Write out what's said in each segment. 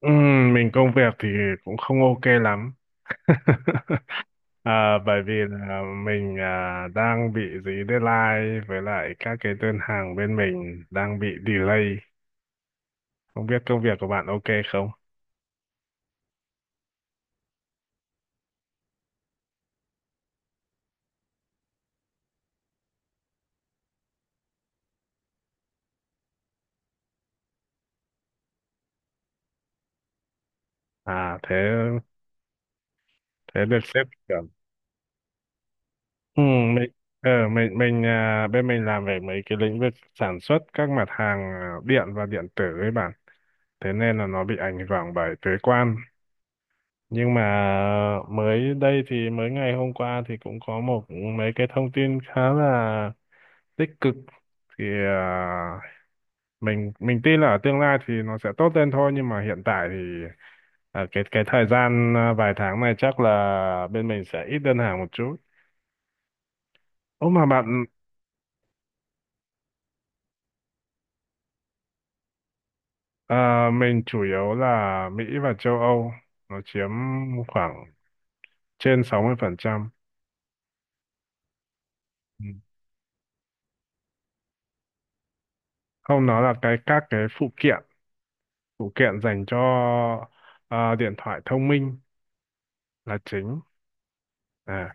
Mình công việc thì cũng không ok lắm. Bởi vì là mình đang bị dí deadline với lại các cái đơn hàng bên mình đang bị delay. Không biết công việc của bạn ok không? Thế thế được sếp kiểu. Mình mình bên mình làm về mấy cái lĩnh vực sản xuất các mặt hàng điện và điện tử với bạn, thế nên là nó bị ảnh hưởng bởi thuế quan. Nhưng mà mới đây thì mới ngày hôm qua thì cũng có một mấy cái thông tin khá là tích cực, thì à, mình tin là ở tương lai thì nó sẽ tốt lên thôi, nhưng mà hiện tại thì cái thời gian vài tháng này chắc là bên mình sẽ ít đơn hàng một chút. Ô mà bạn, mình chủ yếu là Mỹ và châu Âu, nó chiếm khoảng trên 60%. Ừ. Không, nói là cái các phụ kiện, phụ kiện dành cho điện thoại thông minh là chính. À,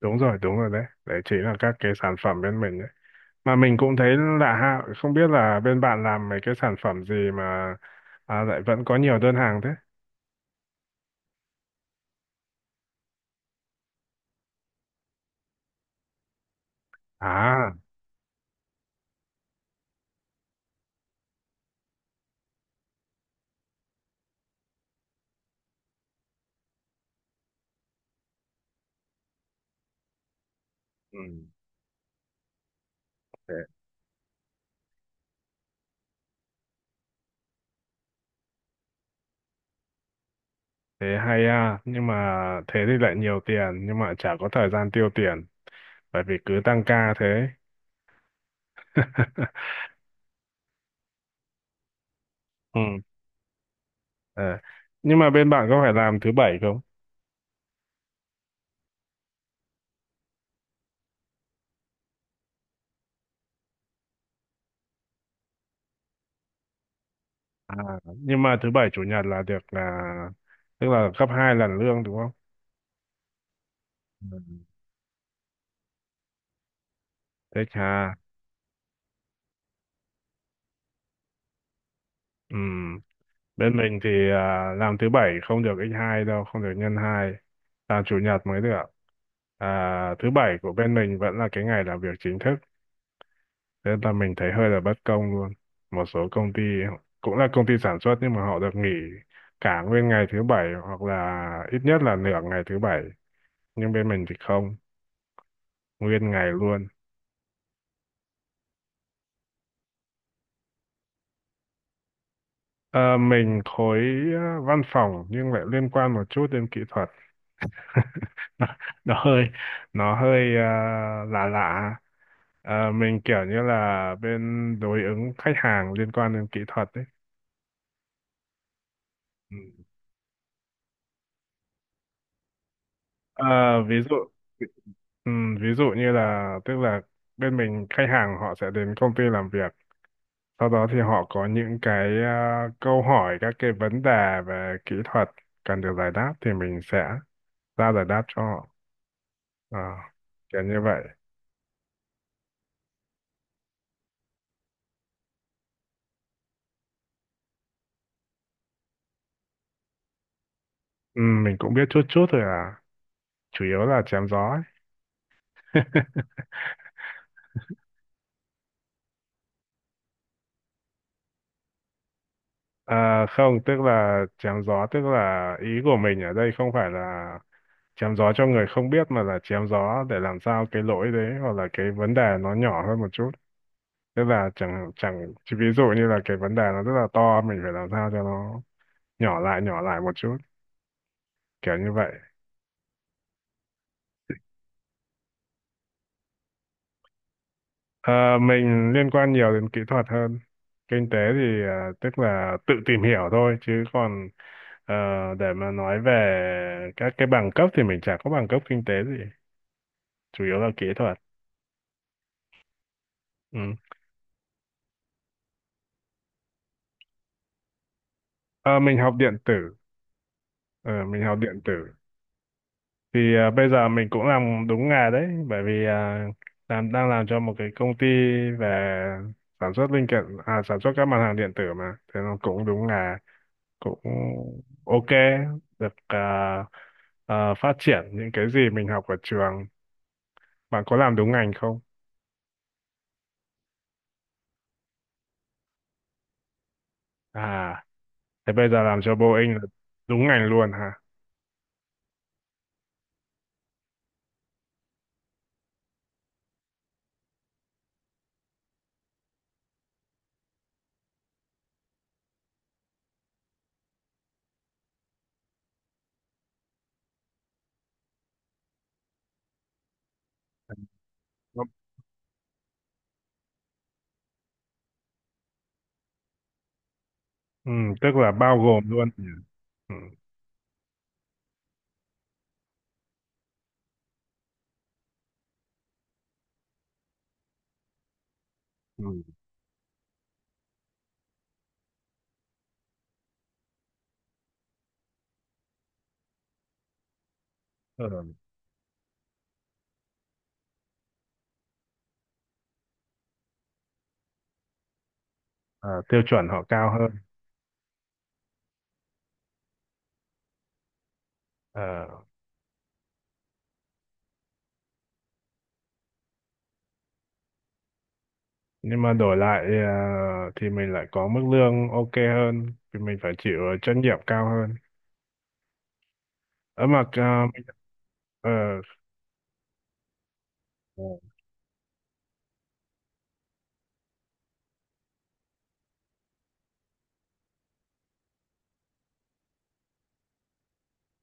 đúng rồi, đúng rồi, đấy đấy chính là các cái sản phẩm bên mình đấy. Mà mình cũng thấy lạ ha, không biết là bên bạn làm mấy cái sản phẩm gì mà lại vẫn có nhiều đơn hàng thế. À. Ừ. Thế. Thế hay à, nhưng mà thế thì lại nhiều tiền nhưng mà chả có thời gian tiêu tiền, bởi vì cứ tăng ca thế. Ừ. Ờ. Nhưng mà bên bạn có phải làm thứ bảy không? À, nhưng mà thứ bảy chủ nhật là được, là tức là gấp hai lần lương đúng không? Ừ. Thế chà. Ừ. Bên mình thì làm thứ bảy không được x 2 đâu, không được nhân hai, làm chủ nhật mới được. Thứ bảy của bên mình vẫn là cái ngày làm việc chính thức. Thế là mình thấy hơi là bất công luôn. Một số công ty cũng là công ty sản xuất nhưng mà họ được nghỉ cả nguyên ngày thứ bảy hoặc là ít nhất là nửa ngày thứ bảy. Nhưng bên mình thì không, nguyên ngày luôn. Ờ, mình khối văn phòng nhưng lại liên quan một chút đến kỹ thuật. nó, nó hơi nó hơi lạ lạ. Ờ, mình kiểu như là bên đối ứng khách hàng liên quan đến kỹ thuật đấy. Ừ. Ờ, ví dụ, ví dụ như là tức là bên mình khách hàng họ sẽ đến công ty làm việc, sau đó thì họ có những cái câu hỏi, các cái vấn đề về kỹ thuật cần được giải đáp thì mình sẽ ra giải đáp cho họ. Ờ, kiểu như vậy. Ừ, mình cũng biết chút chút thôi à. Chủ yếu là chém gió ấy. À, không, tức là chém gió, tức là ý của mình ở đây không phải là chém gió cho người không biết mà là chém gió để làm sao cái lỗi đấy hoặc là cái vấn đề nó nhỏ hơn một chút. Tức là chẳng chẳng chỉ ví dụ như là cái vấn đề nó rất là to mình phải làm sao cho nó nhỏ lại, nhỏ lại một chút, kiểu như vậy. Ờ, mình liên quan nhiều đến kỹ thuật hơn. Kinh tế thì tức là tự tìm hiểu thôi, chứ còn ờ, để mà nói về các cái bằng cấp thì mình chả có bằng cấp kinh tế gì, chủ yếu là kỹ thuật. Ừ. Ờ, mình học điện tử. Ờ, mình học điện tử. Thì ờ, bây giờ mình cũng làm đúng nghề đấy, bởi vì đang làm cho một cái công ty về sản xuất linh kiện, à, sản xuất các mặt hàng điện tử mà, thế nó cũng đúng nghề, cũng ok, được phát triển những cái gì mình học ở trường. Bạn có làm đúng ngành không? À, thế bây giờ làm cho Boeing là đúng ngành luôn hả? Nó- Ừ, tức là bao gồm luôn nhỉ? Ừ. Ừ. Ờ. À, tiêu chuẩn họ cao hơn. Ờ, nhưng mà đổi lại thì mình lại có mức lương ok hơn thì mình phải chịu trách nhiệm cao hơn ở mà mình- ờ,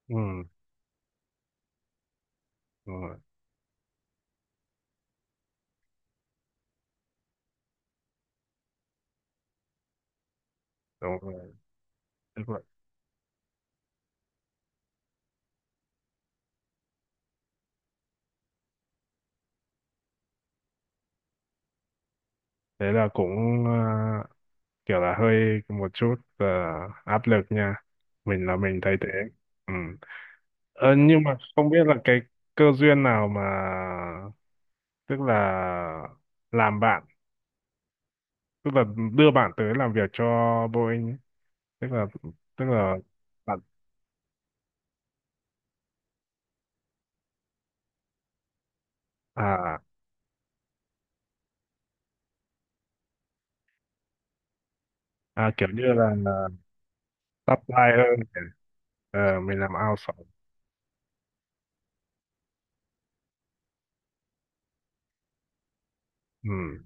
ừ, đúng rồi, đúng rồi. Tức là, thế là cũng kiểu là hơi một chút áp lực nha, mình là mình thấy thế. Ừ. Ờ, nhưng mà không biết là cái cơ duyên nào mà tức là làm bạn, tức là đưa bạn tới làm việc cho Boeing ấy. Tức là tức là bạn à, kiểu như là supply hơn. Ờ, mình làm outsource. Ừ.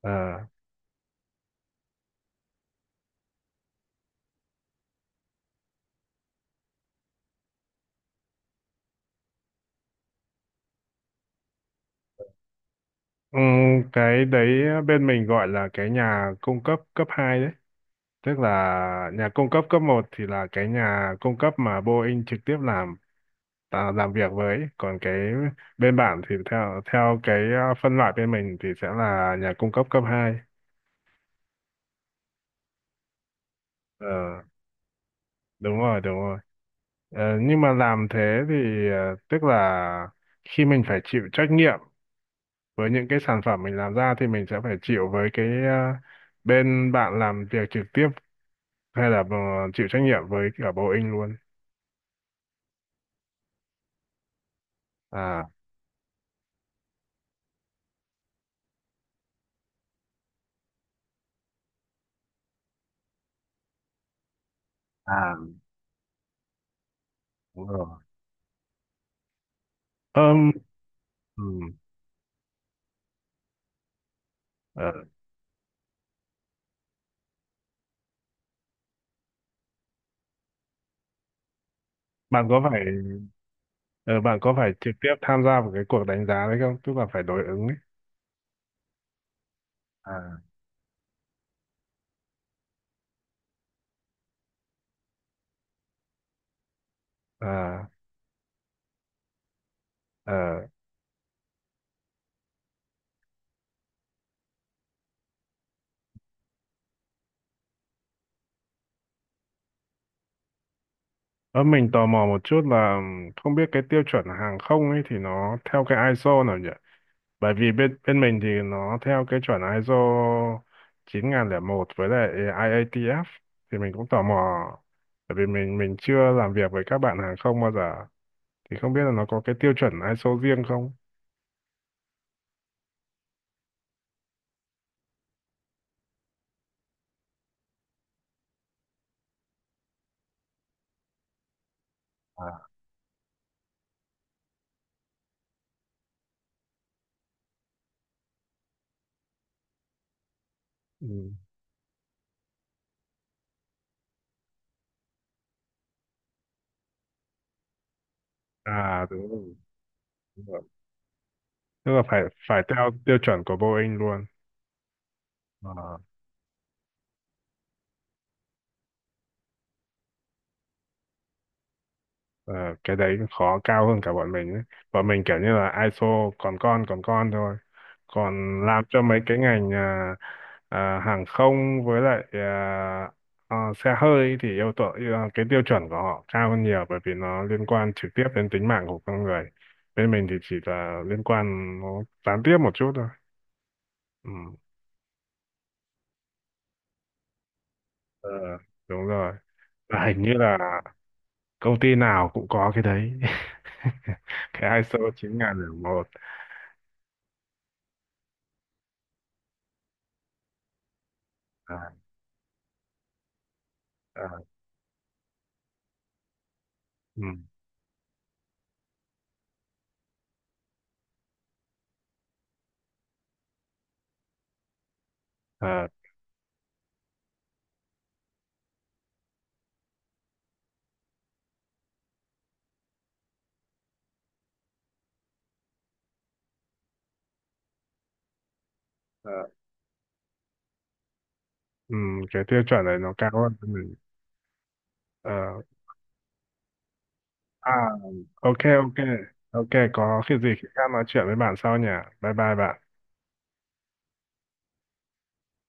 Ờ. Ừ, cái đấy bên mình gọi là cái nhà cung cấp cấp 2 đấy, tức là nhà cung cấp cấp một thì là cái nhà cung cấp mà Boeing trực tiếp làm làm việc với, còn cái bên bạn thì theo theo cái phân loại bên mình thì sẽ là nhà cung cấp cấp 2. Ờ, đúng rồi, đúng rồi. Ờ, nhưng mà làm thế thì tức là khi mình phải chịu trách nhiệm với những cái sản phẩm mình làm ra thì mình sẽ phải chịu với cái bên bạn làm việc trực tiếp, hay là chịu trách nhiệm với cả Boeing luôn. À, à đúng rồi. ờm, ừm, ờ, Bạn có phải ờ, bạn có phải trực tiếp tham gia vào cái cuộc đánh giá đấy không? Tức là phải đối ứng ấy. À. À, ờ. Ờ, mình tò mò một chút là không biết cái tiêu chuẩn hàng không ấy thì nó theo cái ISO nào nhỉ? Bởi vì bên bên mình thì nó theo cái chuẩn ISO một với lại IATF thì mình cũng tò mò bởi vì mình chưa làm việc với các bạn hàng không bao giờ thì không biết là nó có cái tiêu chuẩn ISO riêng không? À. Ừ. À đúng rồi. Đúng rồi. Tức là phải phải theo tiêu chuẩn của Boeing luôn. Ờ. Ờ, cái đấy khó cao hơn cả bọn mình ấy. Bọn mình kiểu như là ISO còn con, còn con thôi. Còn làm cho mấy cái ngành hàng không với lại xe hơi thì yêu cầu cái tiêu chuẩn của họ cao hơn nhiều bởi vì nó liên quan trực tiếp đến tính mạng của con người. Bên mình thì chỉ là liên quan nó gián tiếp một chút thôi. Ừ. Ờ, đúng rồi. Và hình như là công ty nào cũng có cái đấy. Cái ISO 9001. À, à. Ừ. À, à, ừ, cái tiêu chuẩn này nó cao hơn mình. Ờ, à ok, ok. Ok, có khi gì khi khác nói chuyện với bạn sau nhỉ. Bye bye bạn.